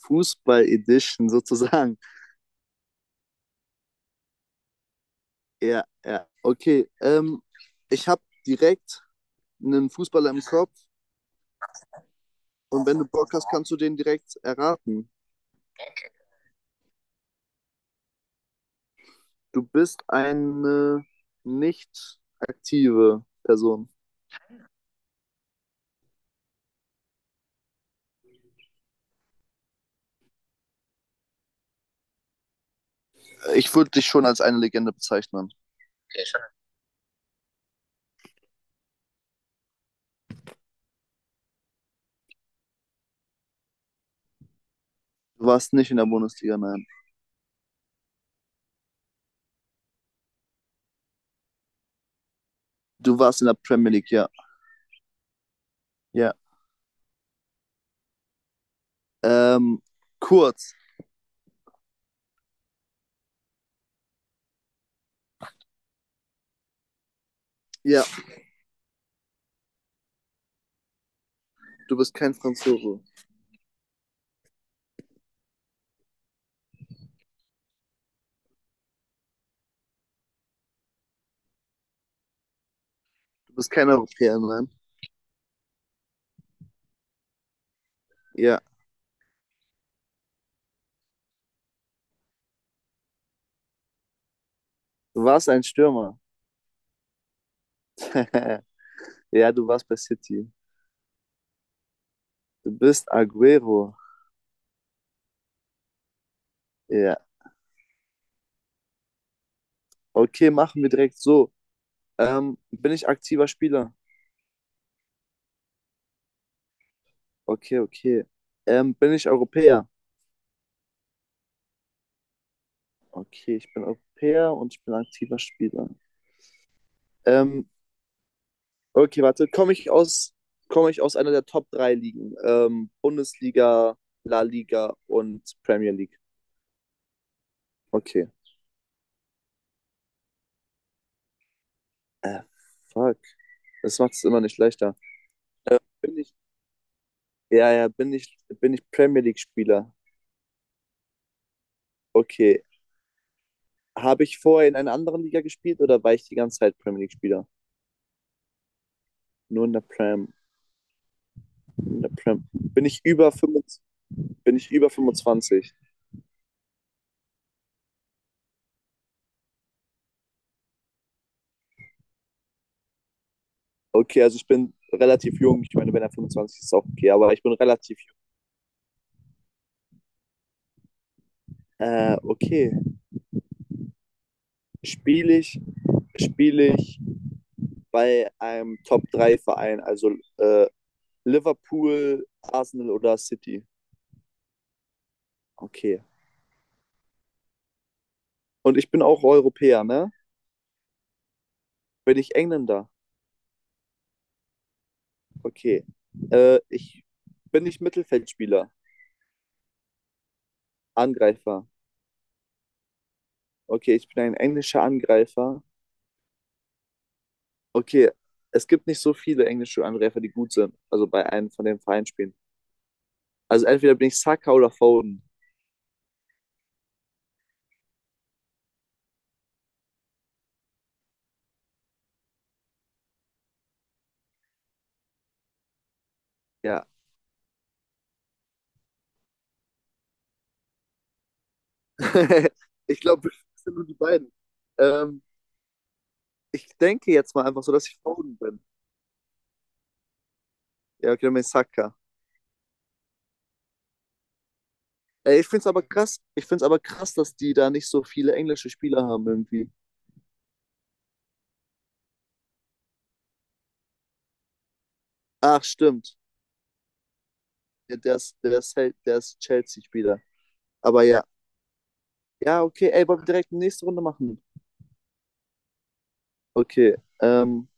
Fußball-Edition sozusagen. Ja. Okay, ich habe direkt einen Fußballer im Kopf und wenn du Bock hast, kannst du den direkt erraten. Du bist eine nicht aktive Person. Ich würde dich schon als eine Legende bezeichnen. Du warst nicht in der Bundesliga, nein. Du warst in der Premier League, ja. Ja. Ähm, Kurz. Ja, du bist kein Franzose. Du bist kein Europäer, nein. Ja. Du warst ein Stürmer. Ja, du warst bei City. Du bist Agüero. Ja. Okay, machen wir direkt so. Bin ich aktiver Spieler? Okay, okay. Bin ich Europäer? Okay, ich bin Europäer und ich bin aktiver Spieler. Ähm, okay, warte. Komme ich aus einer der Top 3 Ligen? Bundesliga, La Liga und Premier League. Okay. Äh, Fuck. Das macht es immer nicht leichter. Äh, bin ich, bin ich Premier League-Spieler? Okay. Habe ich vorher in einer anderen Liga gespielt oder war ich die ganze Zeit Premier League-Spieler? Nur in der Prem. In der Prem. Bin ich über 25? Okay, also ich bin relativ jung. Ich meine, wenn er 25 ist, ist auch okay, aber ich bin relativ jung. Okay, spiele ich, spiele ich bei einem top drei verein, also äh, Liverpool, Arsenal oder City. Okay. Und ich bin auch Europäer, ne? Bin ich Engländer? Okay. Ich Bin ich Mittelfeldspieler? Angreifer. Okay, ich bin ein englischer Angreifer. Okay, es gibt nicht so viele englische Angreifer, die gut sind. Also bei einem von den Vereinen spielen. Also entweder bin ich Saka oder Foden. Ja. Ich glaube, das sind nur die beiden. Ähm, Ich denke jetzt mal einfach so, dass ich Foden bin. Ja, okay, dann bin ich Saka. Ey, ich find's aber krass. Ich find's aber krass, dass die da nicht so viele englische Spieler haben irgendwie. Ach, stimmt. Ja, der ist Chelsea-Spieler. Aber ja. Ja, okay. Ey, wollen wir direkt die nächste Runde machen? Okay.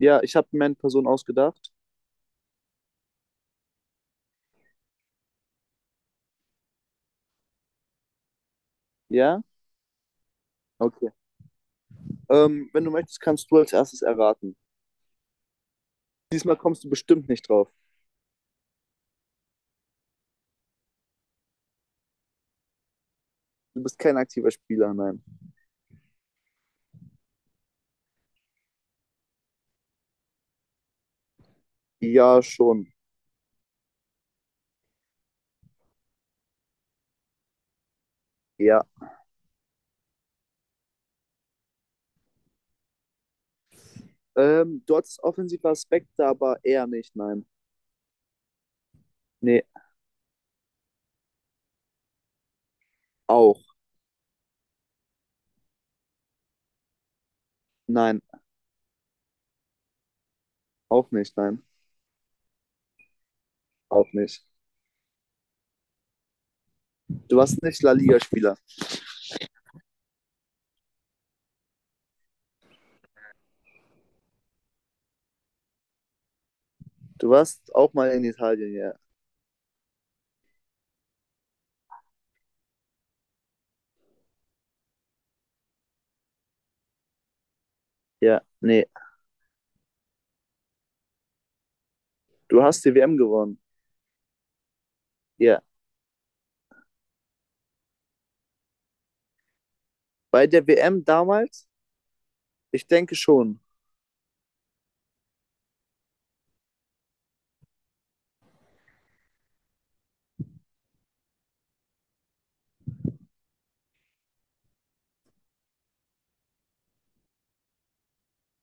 Ja, ich habe mir eine Person ausgedacht. Ja? Okay. Wenn du möchtest, kannst du als erstes erraten. Diesmal kommst du bestimmt nicht drauf. Du bist kein aktiver Spieler, nein. Ja, schon. Ja. Du hattest offensive Aspekte, aber eher nicht, nein. Nee, auch. Nein, auch nicht, nein. Auch nicht. Du warst nicht La Liga-Spieler. Du warst auch mal in Italien, ja. Ja, nee. Du hast die WM gewonnen. Ja. Bei der WM damals? Ich denke schon.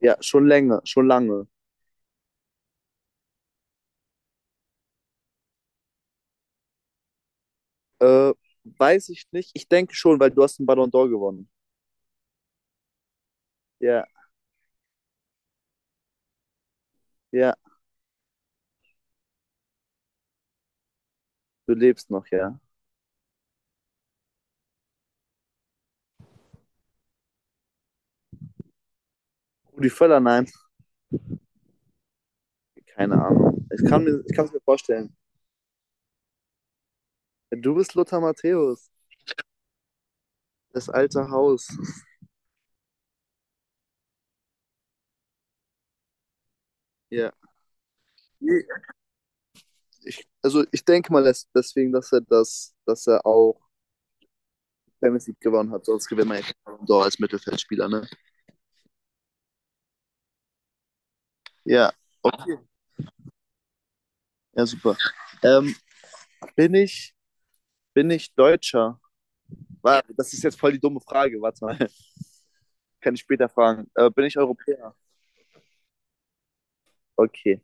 Ja, schon länger, schon lange. Äh, Weiß ich nicht. Ich denke schon, weil du hast den Ballon d'Or gewonnen. Ja, ja, du lebst noch, ja. Rudi Völler, nein. Keine Ahnung. Ich kann es mir vorstellen. Du bist Lothar Matthäus, das alte Haus. Ja. Also ich denke mal, deswegen dass er das, dass er auch Champions League gewonnen hat, sonst gewinnt man ja keinen Ballon d'Or als Mittelfeldspieler, ne? Ja. Okay. Ja, super. Ähm, bin ich, Bin ich Deutscher? Warte, das ist jetzt voll die dumme Frage, warte mal. Kann ich später fragen. Bin ich Europäer? Okay.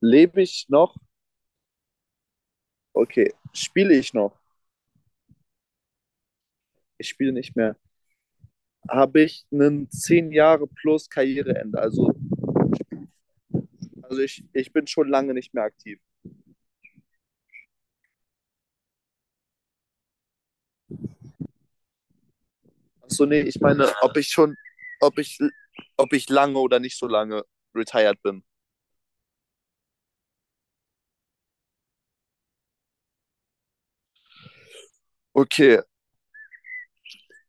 Lebe ich noch? Okay. Spiele ich noch? Ich spiele nicht mehr. Habe ich einen 10 Jahre plus Karriereende? Also, ich bin schon lange nicht mehr aktiv. Achso, nee, ich meine, ob ich schon, ob ich, ob ich lange oder nicht so lange retired bin. Okay.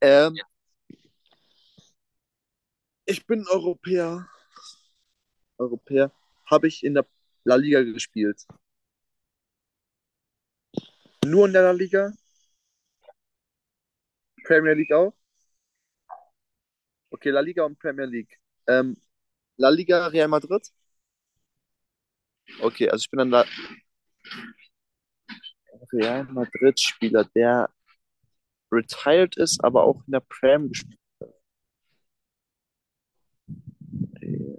Ähm, Ich bin Europäer. Europäer. Habe ich in der La Liga gespielt? Nur in der La Liga? Premier League auch? Okay, La Liga und Premier League. Ähm, La Liga, Real Madrid? Okay, also ich bin ein Real Madrid-Spieler, der retired ist, aber auch in der Prem gespielt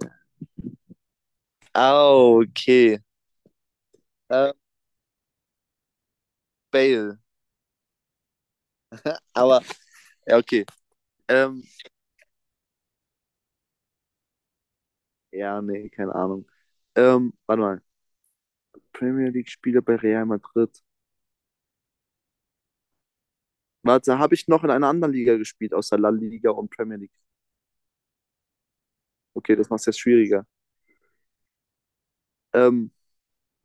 hat. Ah, okay. Äh, Bale. Aber, ja, okay. Ähm, ja, nee, keine Ahnung. Warte mal. Premier League-Spieler bei Real Madrid. Warte, habe ich noch in einer anderen Liga gespielt, außer La Liga und Premier League? Okay, das macht es jetzt schwieriger. Ähm,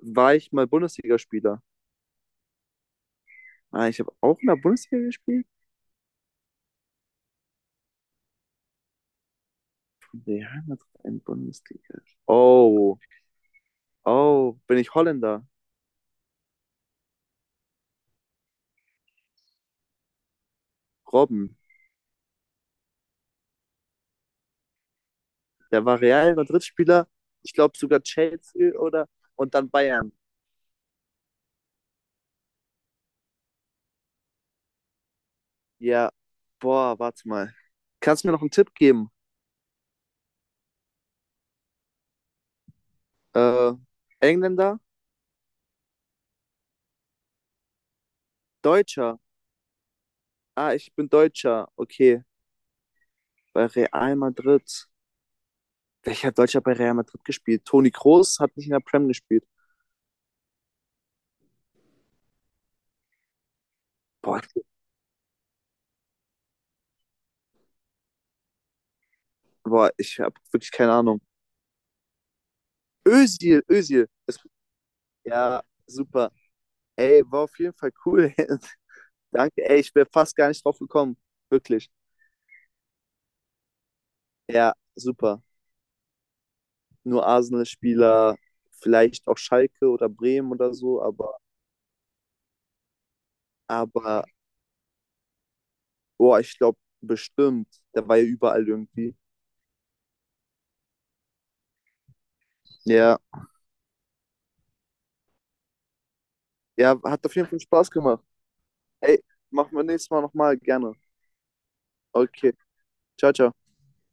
War ich mal Bundesligaspieler? Ah, ich habe auch in der Bundesliga gespielt? Real Madrid in Bundesliga. Oh, oh, bin ich Holländer? Robben. Der war Real Madrid-Spieler, ich glaube sogar Chelsea oder und dann Bayern. Ja, boah, warte mal. Kannst du mir noch einen Tipp geben? Äh, Engländer? Deutscher? Ah, ich bin Deutscher. Okay, bei Real Madrid. Welcher Deutscher hat bei Real Madrid gespielt? Toni Kroos hat nicht in der Prem gespielt. Boah, ich- Boah, ich habe wirklich keine Ahnung. Özil. Es, ja, super. Ey, war auf jeden Fall cool. Danke. Ey, ich wäre fast gar nicht drauf gekommen. Wirklich. Ja, super. Nur Arsenal-Spieler, vielleicht auch Schalke oder Bremen oder so, aber boah, ich glaube bestimmt, der war ja überall irgendwie. Ja, ja, hat auf jeden Fall Spaß gemacht. Ey, machen wir nächstes Mal nochmal, gerne. Okay, ciao, ciao.